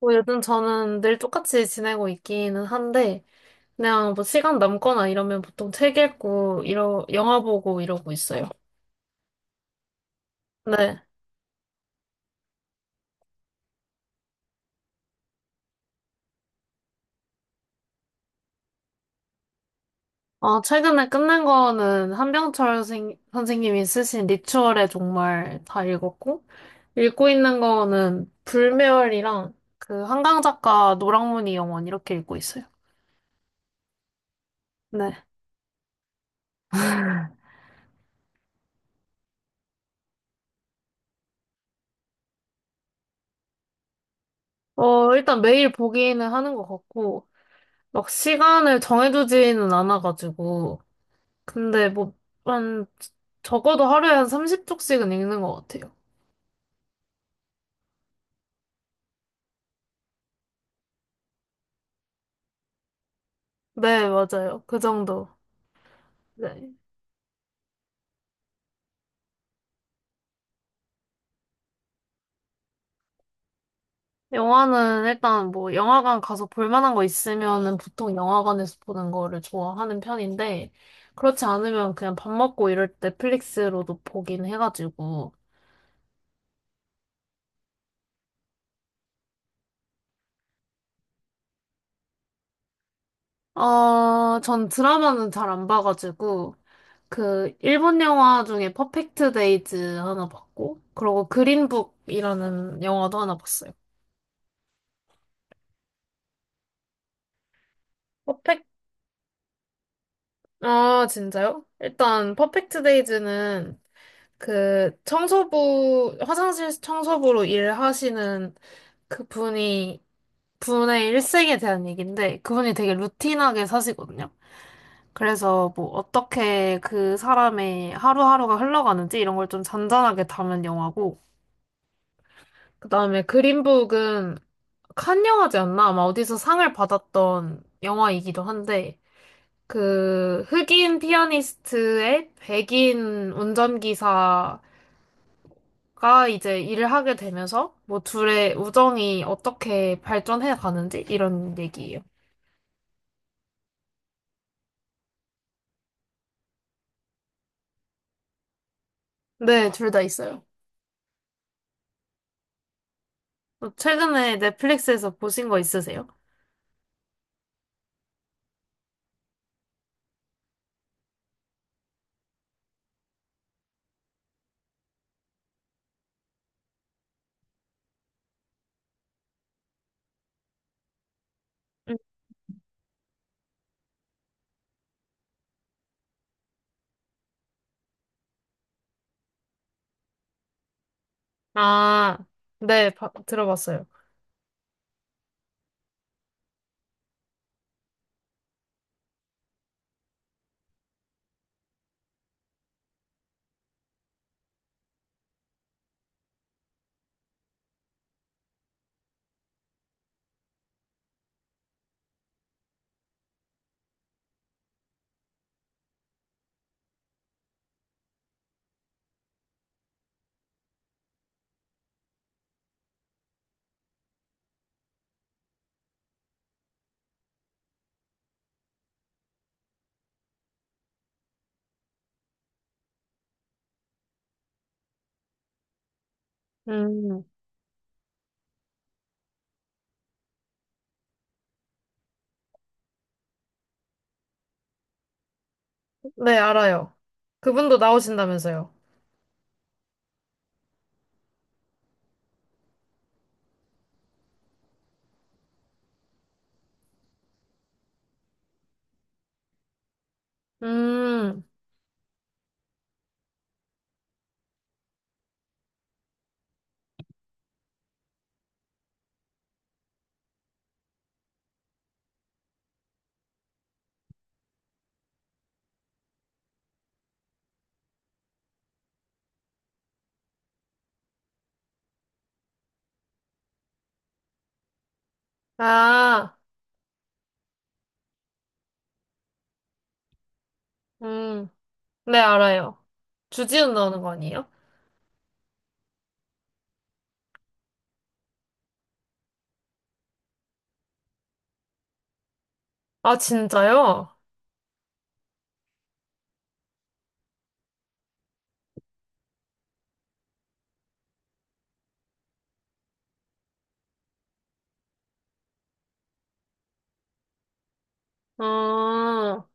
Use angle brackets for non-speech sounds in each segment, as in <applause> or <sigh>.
뭐 요즘 저는 늘 똑같이 지내고 있기는 한데, 그냥 뭐 시간 남거나 이러면 보통 책 읽고, 영화 보고 이러고 있어요. 네. 최근에 끝낸 거는 한병철 선생님이 쓰신 리추얼의 종말 다 읽었고, 읽고 있는 거는 불멸이랑 그 한강 작가 노랑무늬 영원 이렇게 읽고 있어요. 네. 일단 매일 보기는 하는 것 같고, 막 시간을 정해두지는 않아가지고, 근데 뭐, 한, 적어도 하루에 한 30쪽씩은 읽는 것 같아요. 네, 맞아요. 그 정도. 네. 영화는 일단 뭐, 영화관 가서 볼 만한 거 있으면은 보통 영화관에서 보는 거를 좋아하는 편인데, 그렇지 않으면 그냥 밥 먹고 이럴 때 넷플릭스로도 보긴 해가지고, 전 드라마는 잘 안 봐가지고, 그, 일본 영화 중에 퍼펙트 데이즈 하나 봤고, 그리고 그린북이라는 영화도 하나 봤어요. 아, 진짜요? 일단 퍼펙트 데이즈는 그 청소부 화장실 청소부로 일하시는 그분이 분의 일생에 대한 얘기인데 그분이 되게 루틴하게 사시거든요. 그래서 뭐 어떻게 그 사람의 하루하루가 흘러가는지 이런 걸 좀 잔잔하게 담은 영화고, 그다음에 그린북은 칸 영화제였나? 아마 어디서 상을 받았던 영화이기도 한데 그 흑인 피아니스트의 백인 운전기사가 이제 일을 하게 되면서 뭐 둘의 우정이 어떻게 발전해 가는지 이런 얘기예요. 네, 둘 다 있어요. 뭐 최근에 넷플릭스에서 보신 거 있으세요? 음. 아, 네, 들어봤어요. 음, 네, 알아요. 그분도 나오신다면서요. 음, 아, 음, 네, 알아요. 주지훈 나오는 거 아니에요? 아, 진짜요? 아,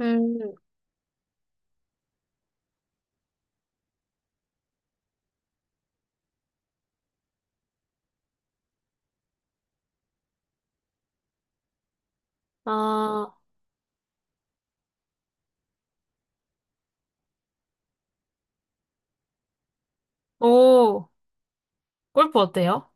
음, 아, 오, 골프 어때요?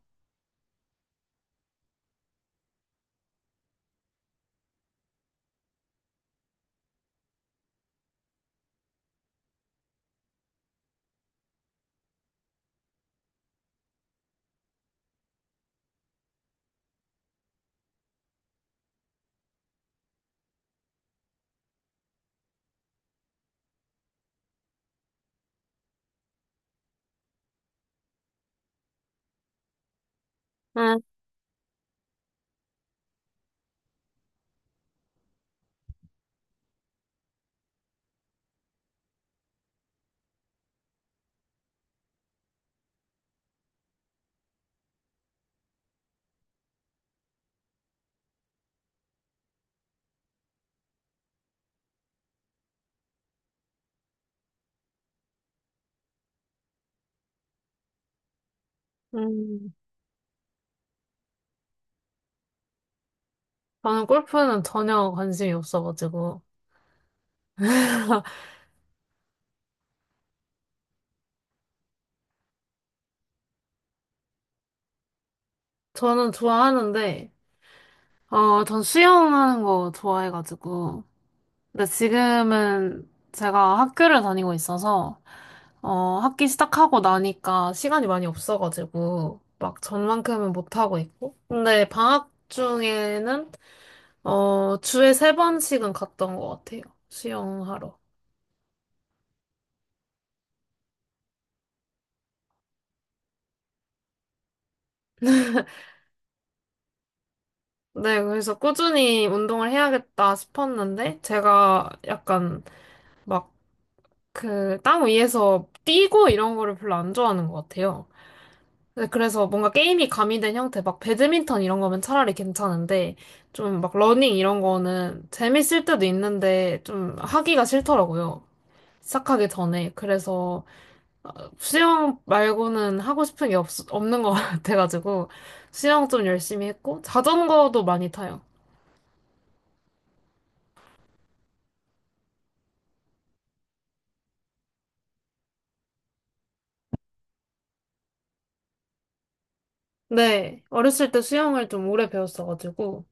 음, 음. 저는 골프는 전혀 관심이 없어가지고. 저는 좋아하는데, 전 수영하는 거 좋아해가지고. 근데 지금은 제가 학교를 다니고 있어서, 학기 시작하고 나니까 시간이 많이 없어가지고, 막 전만큼은 못하고 있고. 근데 방학 중에는, 주에 세 번씩은 갔던 것 같아요. 수영하러. 네, 그래서 꾸준히 운동을 해야겠다 싶었는데, 제가 약간 막 그 땅 위에서 뛰고 이런 거를 별로 안 좋아하는 것 같아요. 네, 그래서 뭔가 게임이 가미된 형태, 막 배드민턴 이런 거면 차라리 괜찮은데, 좀 막 러닝 이런 거는 재밌을 때도 있는데, 좀 하기가 싫더라고요. 시작하기 전에. 그래서 수영 말고는 하고 싶은 게 없는 것 <laughs> 같아가지고, 수영 좀 열심히 했고, 자전거도 많이 타요. 네, 어렸을 때 수영을 좀 오래 배웠어가지고,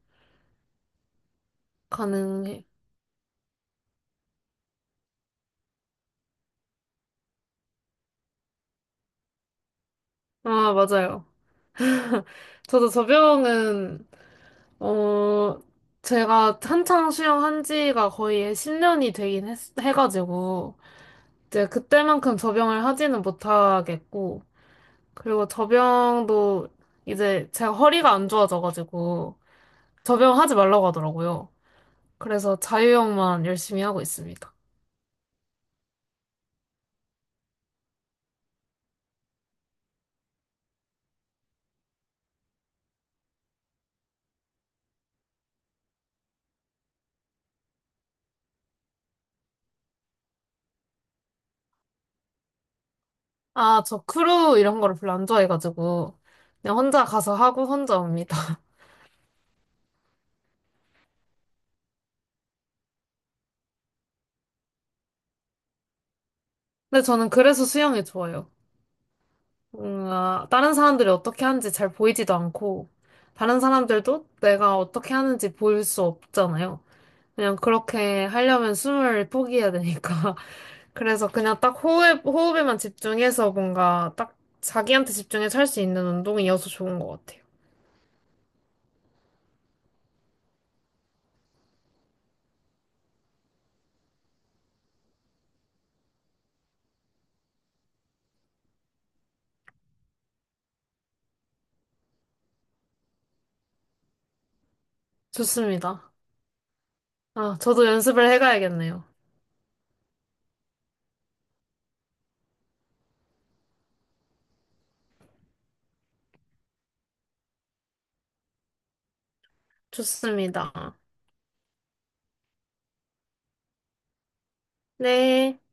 가능해. 아, 맞아요. 저도 접영은, 어, 제가 한창 수영한 지가 거의 10년이 되긴 해가지고, 이제 그때만큼 접영을 하지는 못하겠고, 그리고 접영도 이제 제가 허리가 안 좋아져가지고, 접영하지 말라고 하더라고요. 그래서 자유형만 열심히 하고 있습니다. 아, 저 크루 이런 거를 별로 안 좋아해가지고, 그냥 혼자 가서 하고 혼자 옵니다. <laughs> 근데 저는 그래서 수영이 좋아요. 뭔가 다른 사람들이 어떻게 하는지 잘 보이지도 않고, 다른 사람들도 내가 어떻게 하는지 보일 수 없잖아요. 그냥 그렇게 하려면 숨을 포기해야 되니까. <laughs> 그래서 그냥 딱 호흡에만 집중해서 뭔가 딱 자기한테 집중해서 할 수 있는 운동이어서 좋은 것 같아요. 좋습니다. 아, 저도 연습을 해가야겠네요. 좋습니다. 네.